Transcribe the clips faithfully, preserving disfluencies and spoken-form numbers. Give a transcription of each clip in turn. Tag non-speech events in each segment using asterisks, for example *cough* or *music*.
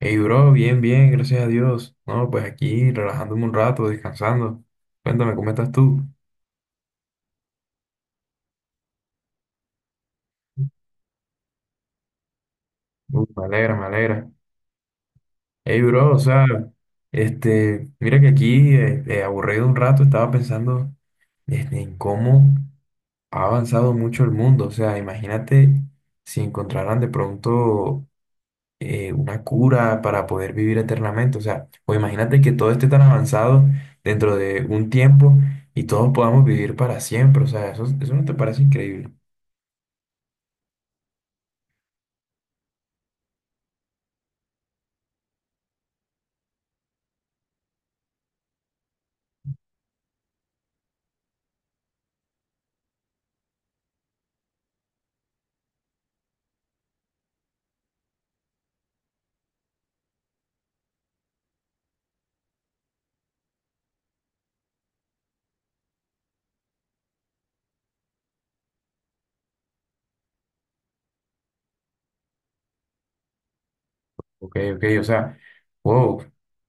Hey, bro, bien, bien, gracias a Dios. No, pues aquí relajándome un rato, descansando. Cuéntame, ¿cómo estás tú? Uy, me alegra, me alegra. Hey, bro, o sea, este, mira que aquí, eh, eh, aburrido un rato, estaba pensando este, en cómo ha avanzado mucho el mundo. O sea, imagínate si encontraran de pronto eh, una cura para poder vivir eternamente. O sea, o imagínate que todo esté tan avanzado dentro de un tiempo y todos podamos vivir para siempre. O sea, eso, eso no te parece increíble. Ok, ok, o sea, wow.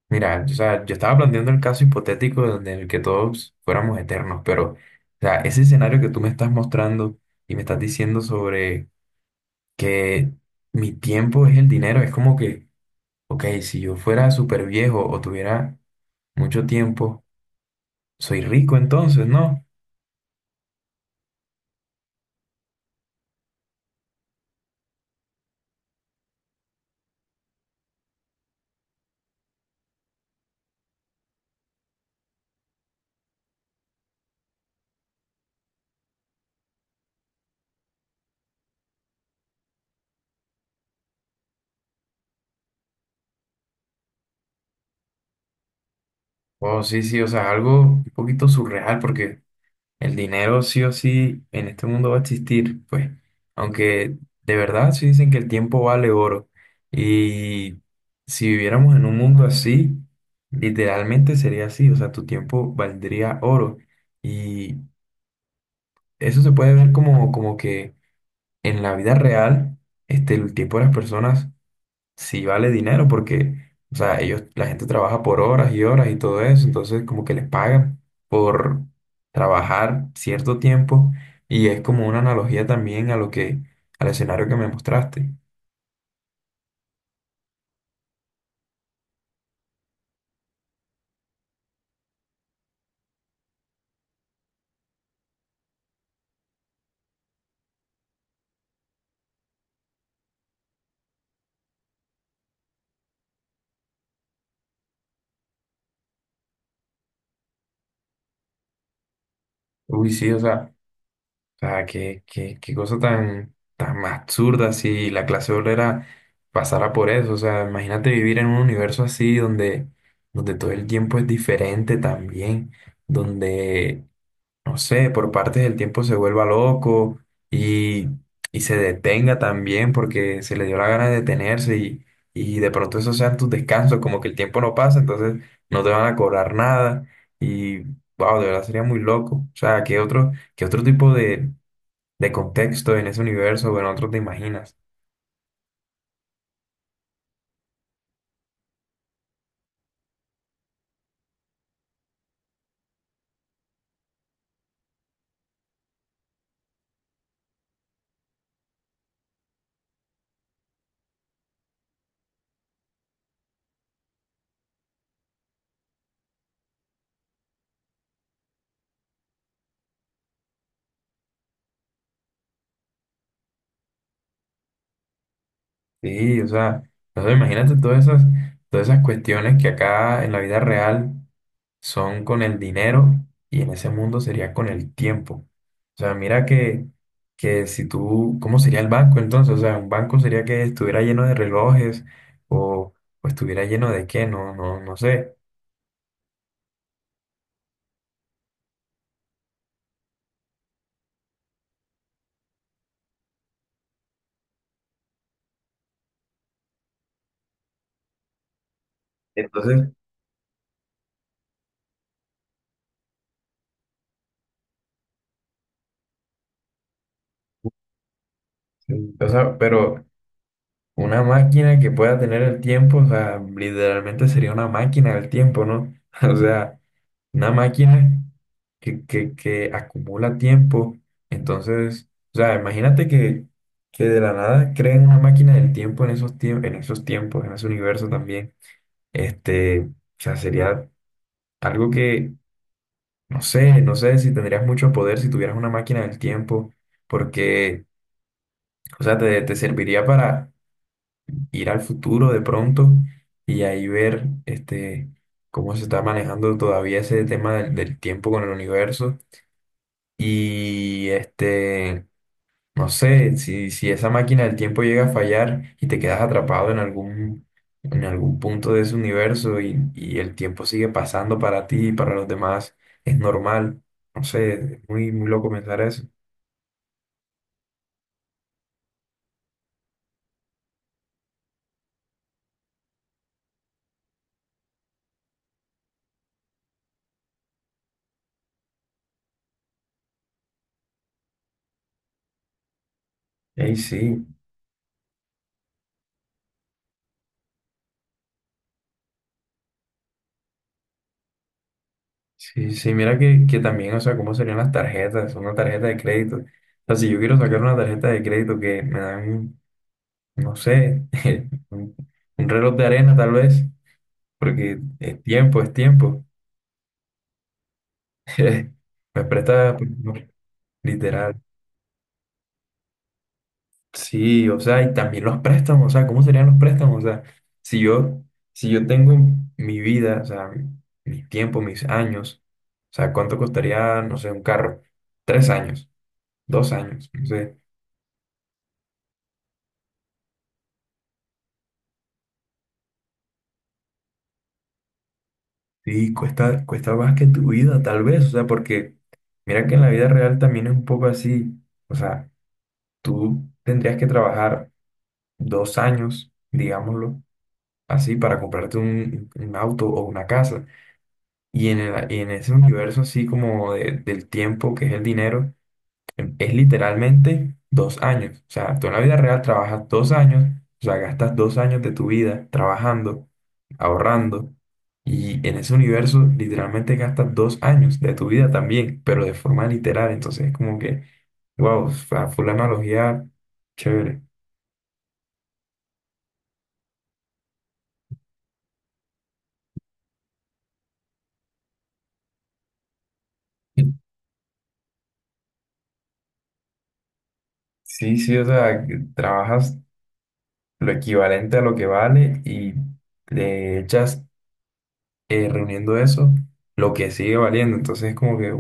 Mira, o sea, yo estaba planteando el caso hipotético donde en el que todos fuéramos eternos, pero, o sea, ese escenario que tú me estás mostrando y me estás diciendo sobre que mi tiempo es el dinero, es como que, ok, si yo fuera súper viejo o tuviera mucho tiempo, soy rico entonces, ¿no? Oh, sí, sí, o sea, algo un poquito surreal porque el dinero sí o sí en este mundo va a existir, pues, aunque de verdad sí dicen que el tiempo vale oro y si viviéramos en un mundo así, literalmente sería así, o sea, tu tiempo valdría oro y eso se puede ver como, como que en la vida real, este, el tiempo de las personas sí vale dinero porque, o sea, ellos, la gente trabaja por horas y horas y todo eso, entonces como que les pagan por trabajar cierto tiempo y es como una analogía también a lo que, al escenario que me mostraste. Uy, sí, o sea, o sea, qué, qué, qué cosa tan, tan absurda si la clase obrera pasara por eso, o sea, imagínate vivir en un universo así donde, donde todo el tiempo es diferente también, donde no sé, por partes del tiempo se vuelva loco y, y se detenga también porque se le dio la gana de detenerse y, y de pronto esos sean tus descansos, como que el tiempo no pasa, entonces no te van a cobrar nada y, wow, de verdad sería muy loco. O sea, ¿qué otro, qué otro tipo de, de contexto en ese universo o en otro te imaginas? Sí, o sea, no sé, imagínate todas esas, todas esas cuestiones que acá en la vida real son con el dinero y en ese mundo sería con el tiempo. O sea, mira que, que si tú, ¿cómo sería el banco entonces? O sea, un banco sería que estuviera lleno de relojes o, o estuviera lleno de qué, no, no, no sé. Entonces, sí, o sea, pero una máquina que pueda tener el tiempo, o sea, literalmente sería una máquina del tiempo, ¿no? *laughs* O sea, una máquina que, que, que acumula tiempo. Entonces, o sea, imagínate que, que de la nada creen una máquina del tiempo en esos tiempos, en esos tiempos, en ese universo también. Este, o sea, sería algo que, no sé, no sé si tendrías mucho poder si tuvieras una máquina del tiempo, porque, o sea, te, te serviría para ir al futuro de pronto y ahí ver, este, cómo se está manejando todavía ese tema del del tiempo con el universo. Y este, no sé, si, si esa máquina del tiempo llega a fallar y te quedas atrapado en algún, en algún punto de ese universo y, y el tiempo sigue pasando para ti y para los demás, es normal. No sé, es muy, muy loco pensar eso. Ey, sí, sí, sí, mira que, que también, o sea, cómo serían las tarjetas, una tarjeta de crédito. O sea, si yo quiero sacar una tarjeta de crédito que me dan, no sé, *laughs* un, un reloj de arena tal vez, porque es tiempo, es tiempo. *laughs* Me presta, por favor, literal. Sí, o sea, y también los préstamos, o sea, ¿cómo serían los préstamos? O sea, si yo, si yo tengo mi vida, o sea, mi, mi tiempo, mis años, o sea, ¿cuánto costaría, no sé, un carro? Tres años, dos años, no sé. Sí, cuesta, cuesta más que tu vida, tal vez, o sea, porque mira que en la vida real también es un poco así, o sea, tú tendrías que trabajar dos años, digámoslo así para comprarte un, un auto o una casa. Y en, el- en ese universo así como de- del tiempo, que es el dinero, em, es literalmente dos años. O sea, tú en la vida real trabajas dos años, o sea, gastas dos años de tu vida trabajando, ahorrando. Y en ese universo literalmente gastas dos años de tu vida también, pero de forma literal. Entonces es como que, wow, fue la analogía chévere. Sí, sí, o sea, que trabajas lo equivalente a lo que vale y le echas eh, reuniendo eso lo que sigue valiendo. Entonces es como que,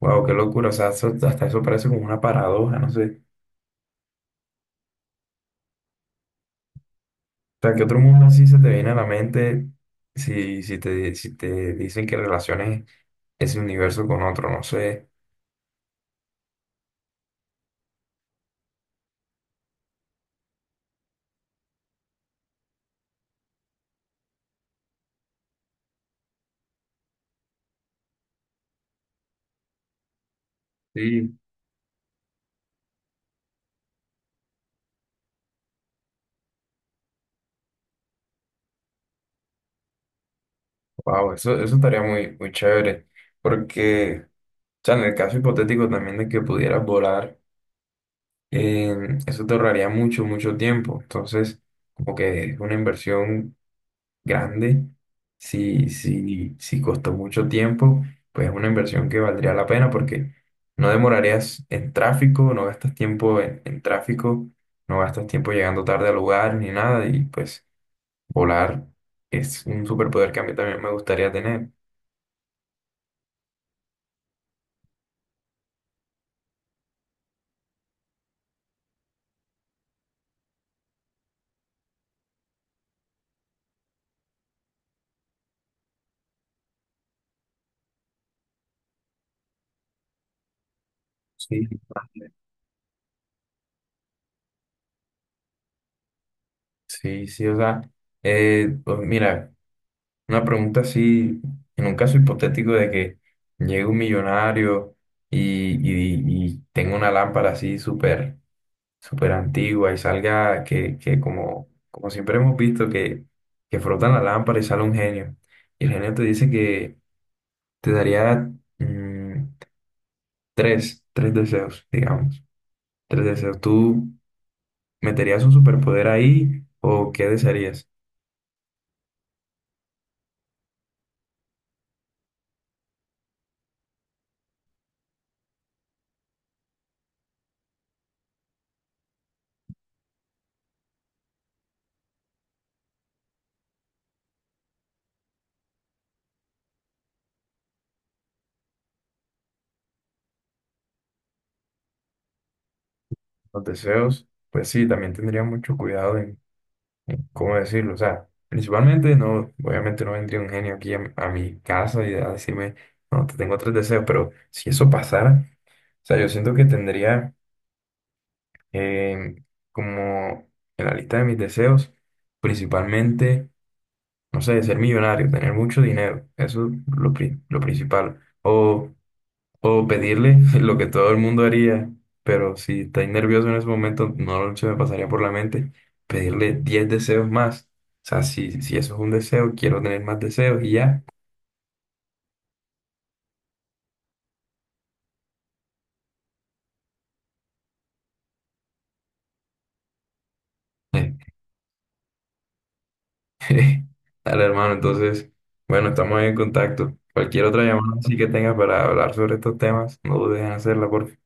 wow, qué locura. O sea, eso- hasta eso parece como una paradoja, no sé. O sea, ¿qué otro mundo así se te viene a la mente si, si te, si te dicen que relaciones ese universo con otro? No sé. Sí. Wow, eso, eso estaría muy, muy chévere. Porque, o sea, en el caso hipotético también de que pudieras volar. Eh, eso te ahorraría mucho, mucho tiempo. Entonces, como que es una inversión grande. Si, si, si costó mucho tiempo, pues es una inversión que valdría la pena porque no demorarías en tráfico, no gastas tiempo en, en tráfico, no gastas tiempo llegando tarde al lugar ni nada. Y pues volar es un superpoder que a mí también me gustaría tener. Sí. Sí, sí, o sea, eh, pues mira. Una pregunta así, en un caso hipotético de que llegue un millonario y, y, y tenga una lámpara así súper súper antigua y salga que, que como, como siempre hemos visto que, que frotan la lámpara y sale un genio. Y el genio te dice que te daría mm, tres, tres deseos, digamos. Tres deseos. ¿Tú meterías un superpoder ahí o qué desearías? Los deseos, pues sí, también tendría mucho cuidado. ¿Cómo decirlo? O sea, principalmente no, obviamente no vendría un genio aquí a, a mi casa y a decirme, no, te tengo tres deseos, pero si eso pasara, o sea, yo siento que tendría eh, como en la lista de mis deseos, principalmente, no sé, ser millonario, tener mucho dinero, eso es lo, pri- lo principal, o o pedirle *laughs* lo que todo el mundo haría, pero si estáis nervioso en ese momento, no se me pasaría por la mente pedirle diez deseos más. O sea, si, si eso es un deseo, quiero tener más deseos y ya. *laughs* Dale, hermano, entonces, bueno, estamos en contacto. Cualquier otra llamada así que tengas para hablar sobre estos temas, no dudes en hacerla, por